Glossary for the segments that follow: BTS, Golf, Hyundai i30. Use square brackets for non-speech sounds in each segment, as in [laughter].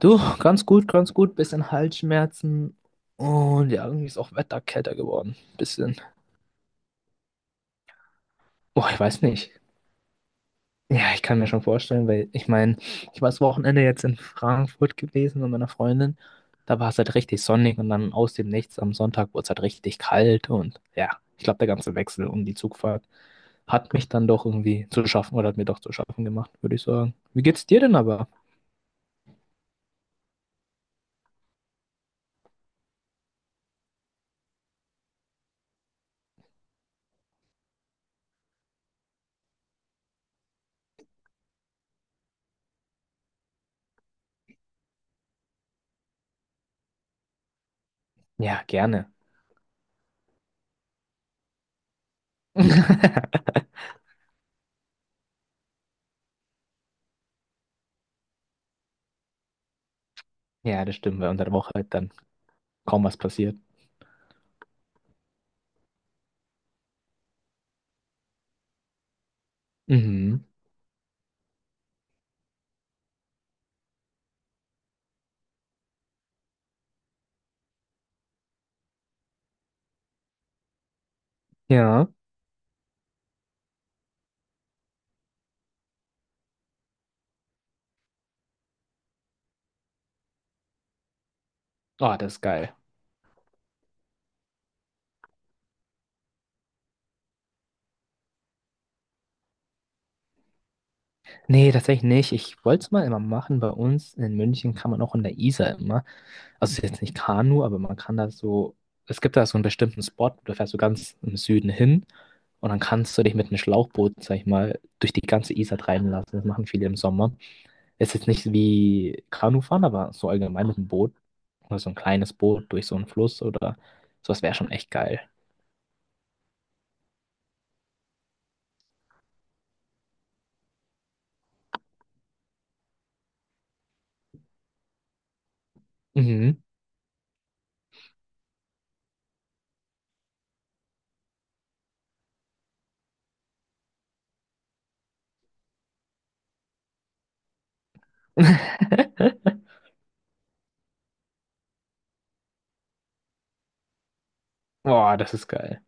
Du, ganz gut, ganz gut. Bisschen Halsschmerzen. Und ja, irgendwie ist auch Wetter kälter geworden. Bisschen. Boah, ich weiß nicht. Ja, ich kann mir schon vorstellen, weil ich meine, ich war das Wochenende jetzt in Frankfurt gewesen mit meiner Freundin. Da war es halt richtig sonnig und dann aus dem Nichts am Sonntag wurde es halt richtig kalt. Und ja, ich glaube, der ganze Wechsel um die Zugfahrt hat mich dann doch irgendwie zu schaffen oder hat mir doch zu schaffen gemacht, würde ich sagen. Wie geht's dir denn aber? Ja, gerne. [laughs] Ja, das stimmt, weil unter der Woche halt dann kaum was passiert. Mhm. Ja. Ah, das ist geil. Nee, tatsächlich nicht. Ich wollte es mal immer machen. Bei uns in München kann man auch in der Isar immer. Also es ist jetzt nicht Kanu, aber man kann da so. Es gibt da so einen bestimmten Spot, da fährst du ganz im Süden hin und dann kannst du dich mit einem Schlauchboot, sag ich mal, durch die ganze Isar treiben lassen. Das machen viele im Sommer. Es ist jetzt nicht wie Kanufahren, aber so allgemein mit einem Boot oder so ein kleines Boot durch so einen Fluss oder sowas wäre schon echt geil. Mhm. [laughs] Boah, das ist geil.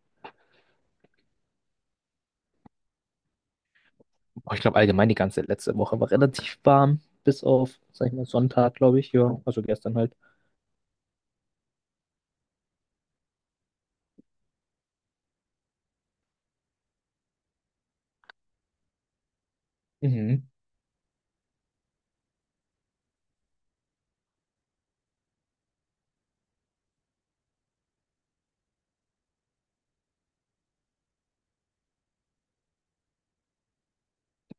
Oh, ich glaube allgemein die ganze letzte Woche war relativ warm, bis auf, sag ich mal, Sonntag, glaube ich. Ja, also gestern halt. Mhm.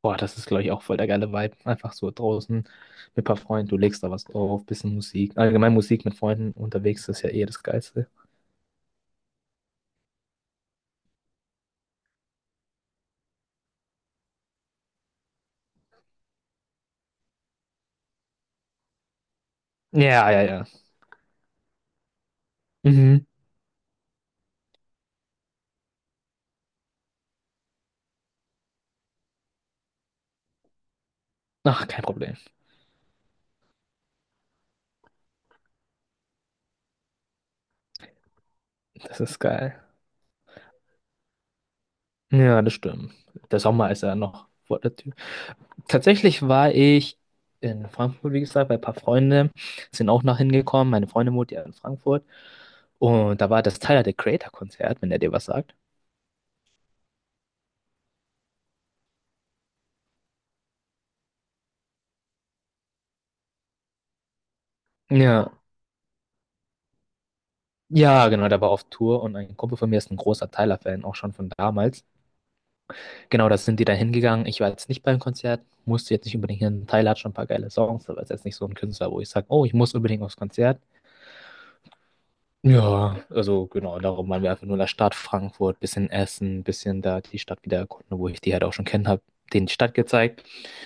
Boah, das ist, glaube ich, auch voll der geile Vibe. Einfach so draußen mit ein paar Freunden, du legst da was drauf, bisschen Musik. Allgemein Musik mit Freunden unterwegs ist ja eh das Geilste. Ja, ja, ja. Mhm. Ach, kein Problem. Das ist geil. Ja, das stimmt. Der Sommer ist ja noch vor der Tür. Tatsächlich war ich in Frankfurt, wie gesagt, bei ein paar Freunden sind auch noch hingekommen. Meine Freundin wohnt ja in Frankfurt. Und da war das Tyler, the Creator-Konzert, wenn der dir was sagt. Ja. Ja, genau, der war auf Tour und ein Kumpel von mir ist ein großer Tyler-Fan, auch schon von damals. Genau, da sind die dann hingegangen. Ich war jetzt nicht beim Konzert, musste jetzt nicht unbedingt hin. Tyler hat schon ein paar geile Songs, aber ist jetzt nicht so ein Künstler, wo ich sage, oh, ich muss unbedingt aufs Konzert. Ja, also genau, darum waren wir einfach nur in der Stadt Frankfurt, bisschen essen, bisschen da die Stadt wieder erkunden, wo ich die halt auch schon kennen habe, denen die Stadt gezeigt.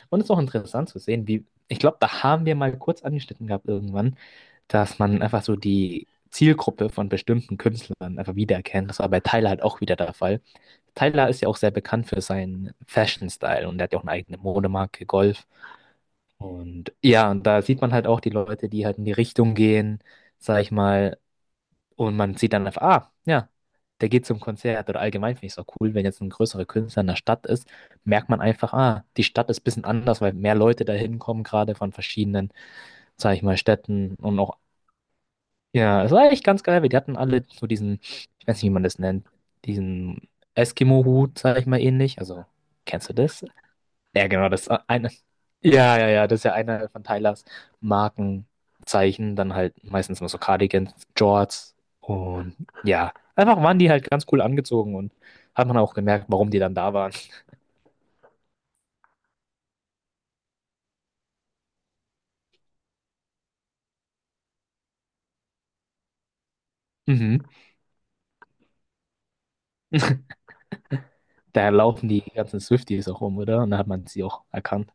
Und es ist auch interessant zu sehen, wie, ich glaube, da haben wir mal kurz angeschnitten gehabt irgendwann, dass man einfach so die Zielgruppe von bestimmten Künstlern einfach wiedererkennt. Das war bei Tyler halt auch wieder der Fall. Tyler ist ja auch sehr bekannt für seinen Fashion-Style und er hat ja auch eine eigene Modemarke, Golf. Und ja, und da sieht man halt auch die Leute, die halt in die Richtung gehen, sag ich mal, und man sieht dann einfach, ah, ja, der geht zum Konzert. Oder allgemein finde ich es auch cool, wenn jetzt ein größerer Künstler in der Stadt ist, merkt man einfach, ah, die Stadt ist ein bisschen anders, weil mehr Leute da hinkommen, gerade von verschiedenen, sage ich mal, Städten und auch, ja, es war echt ganz geil, weil die hatten alle so diesen, ich weiß nicht, wie man das nennt, diesen Eskimo-Hut, sage ich mal, ähnlich. Also, kennst du das? Ja, genau, das ist eine. Ja, ja, ja, das ist ja einer von Tylers Markenzeichen. Dann halt meistens immer so Cardigans, Jorts und ja, einfach waren die halt ganz cool angezogen und hat man auch gemerkt, warum die dann da waren. Mhm. [laughs] Da laufen die ganzen Swifties auch rum, oder? Und da hat man sie auch erkannt.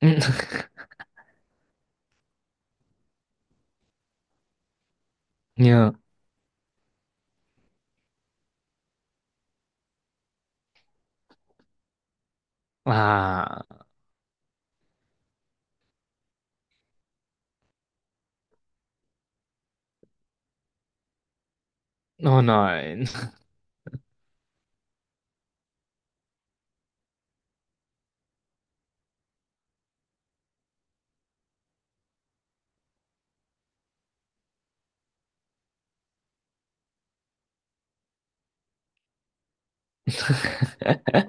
[laughs] Ja. Ah, oh nein. [laughs]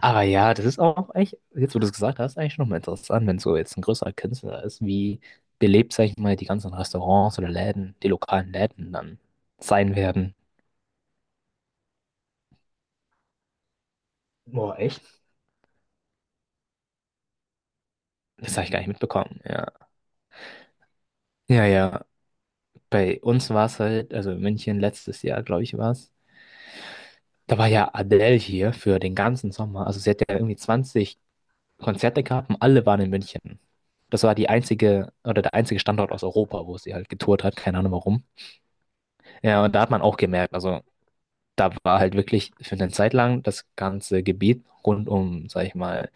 Aber ja, das ist auch echt, jetzt wo du es gesagt hast, eigentlich nochmal interessant, wenn so jetzt ein größerer Künstler ist, wie belebt, sag ich mal, die ganzen Restaurants oder Läden, die lokalen Läden dann sein werden. Boah, echt? Das habe ich gar nicht mitbekommen, ja. Ja, ja. Bei uns war es halt, also in München letztes Jahr, glaube ich, war es. Da war ja Adele hier für den ganzen Sommer. Also sie hat ja irgendwie 20 Konzerte gehabt und alle waren in München. Das war die einzige, oder der einzige Standort aus Europa, wo sie halt getourt hat, keine Ahnung warum. Ja, und da hat man auch gemerkt, also da war halt wirklich für eine Zeit lang das ganze Gebiet rund um, sag ich mal,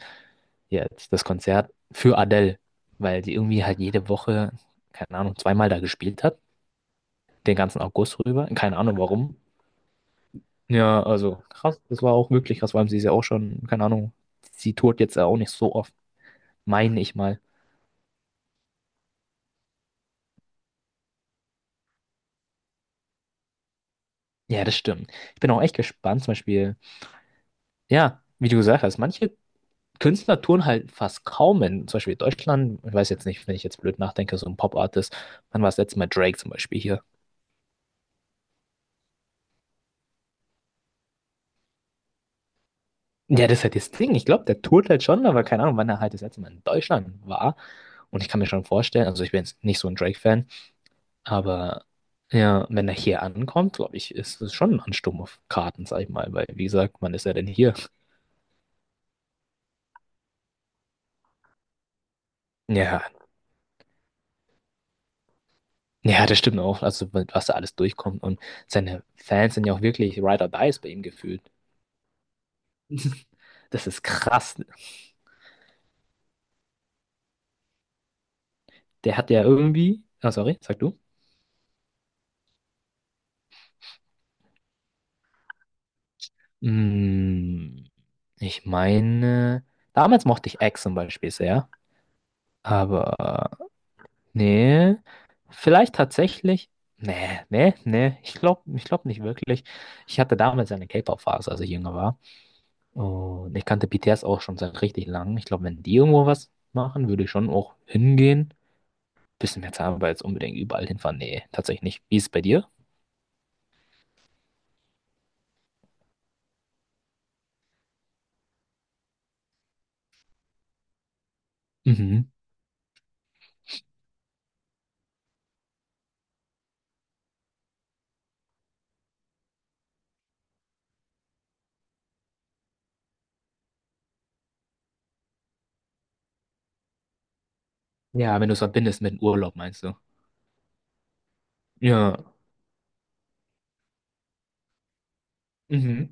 jetzt das Konzert für Adele, weil die irgendwie halt jede Woche, keine Ahnung, zweimal da gespielt hat, den ganzen August rüber, keine Ahnung warum. Ja, also krass, das war auch wirklich krass, vor allem sie ist ja auch schon, keine Ahnung, sie tourt jetzt ja auch nicht so oft, meine ich mal. Ja, das stimmt. Ich bin auch echt gespannt, zum Beispiel, ja, wie du gesagt hast, manche Künstler tun halt fast kaum in, zum Beispiel Deutschland, ich weiß jetzt nicht, wenn ich jetzt blöd nachdenke, so ein Pop-Artist, wann war das letzte Mal Drake zum Beispiel hier? Ja, das ist halt das Ding. Ich glaube, der tourt halt schon, aber keine Ahnung, wann er halt das letzte Mal in Deutschland war. Und ich kann mir schon vorstellen, also ich bin jetzt nicht so ein Drake-Fan, aber ja, wenn er hier ankommt, glaube ich, ist es schon ein Ansturm auf Karten, sag ich mal, weil wie gesagt, wann ist er denn hier? Ja, ja, das stimmt auch, also was da alles durchkommt und seine Fans sind ja auch wirklich Ride or Dies bei ihm gefühlt. [laughs] Das ist krass. Der hat ja irgendwie. Ah, sorry, sag du. Mm, ich meine, damals mochte ich Eggs zum Beispiel sehr, aber nee, vielleicht tatsächlich. Nee, nee, nee, ich glaub nicht wirklich. Ich hatte damals eine K-Pop-Phase, als ich jünger war. Und ich kannte BTS auch schon seit richtig lang. Ich glaube, wenn die irgendwo was machen, würde ich schon auch hingehen. Bisschen mehr Zeit, aber jetzt unbedingt überall hinfahren. Nee, tatsächlich nicht. Wie ist es bei dir? Mhm. Ja, wenn du es verbindest mit dem Urlaub, meinst du? Ja. Mhm.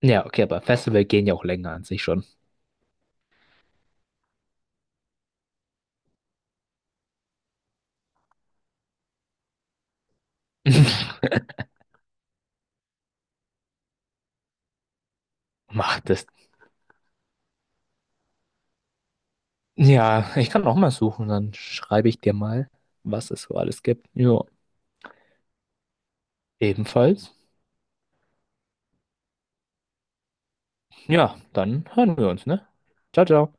Ja, okay, aber Festival gehen ja auch länger an sich schon. [laughs] Mach das. Ja, ich kann auch mal suchen, dann schreibe ich dir mal, was es so alles gibt. Ja, ebenfalls. Ja, dann hören wir uns, ne? Ciao, ciao.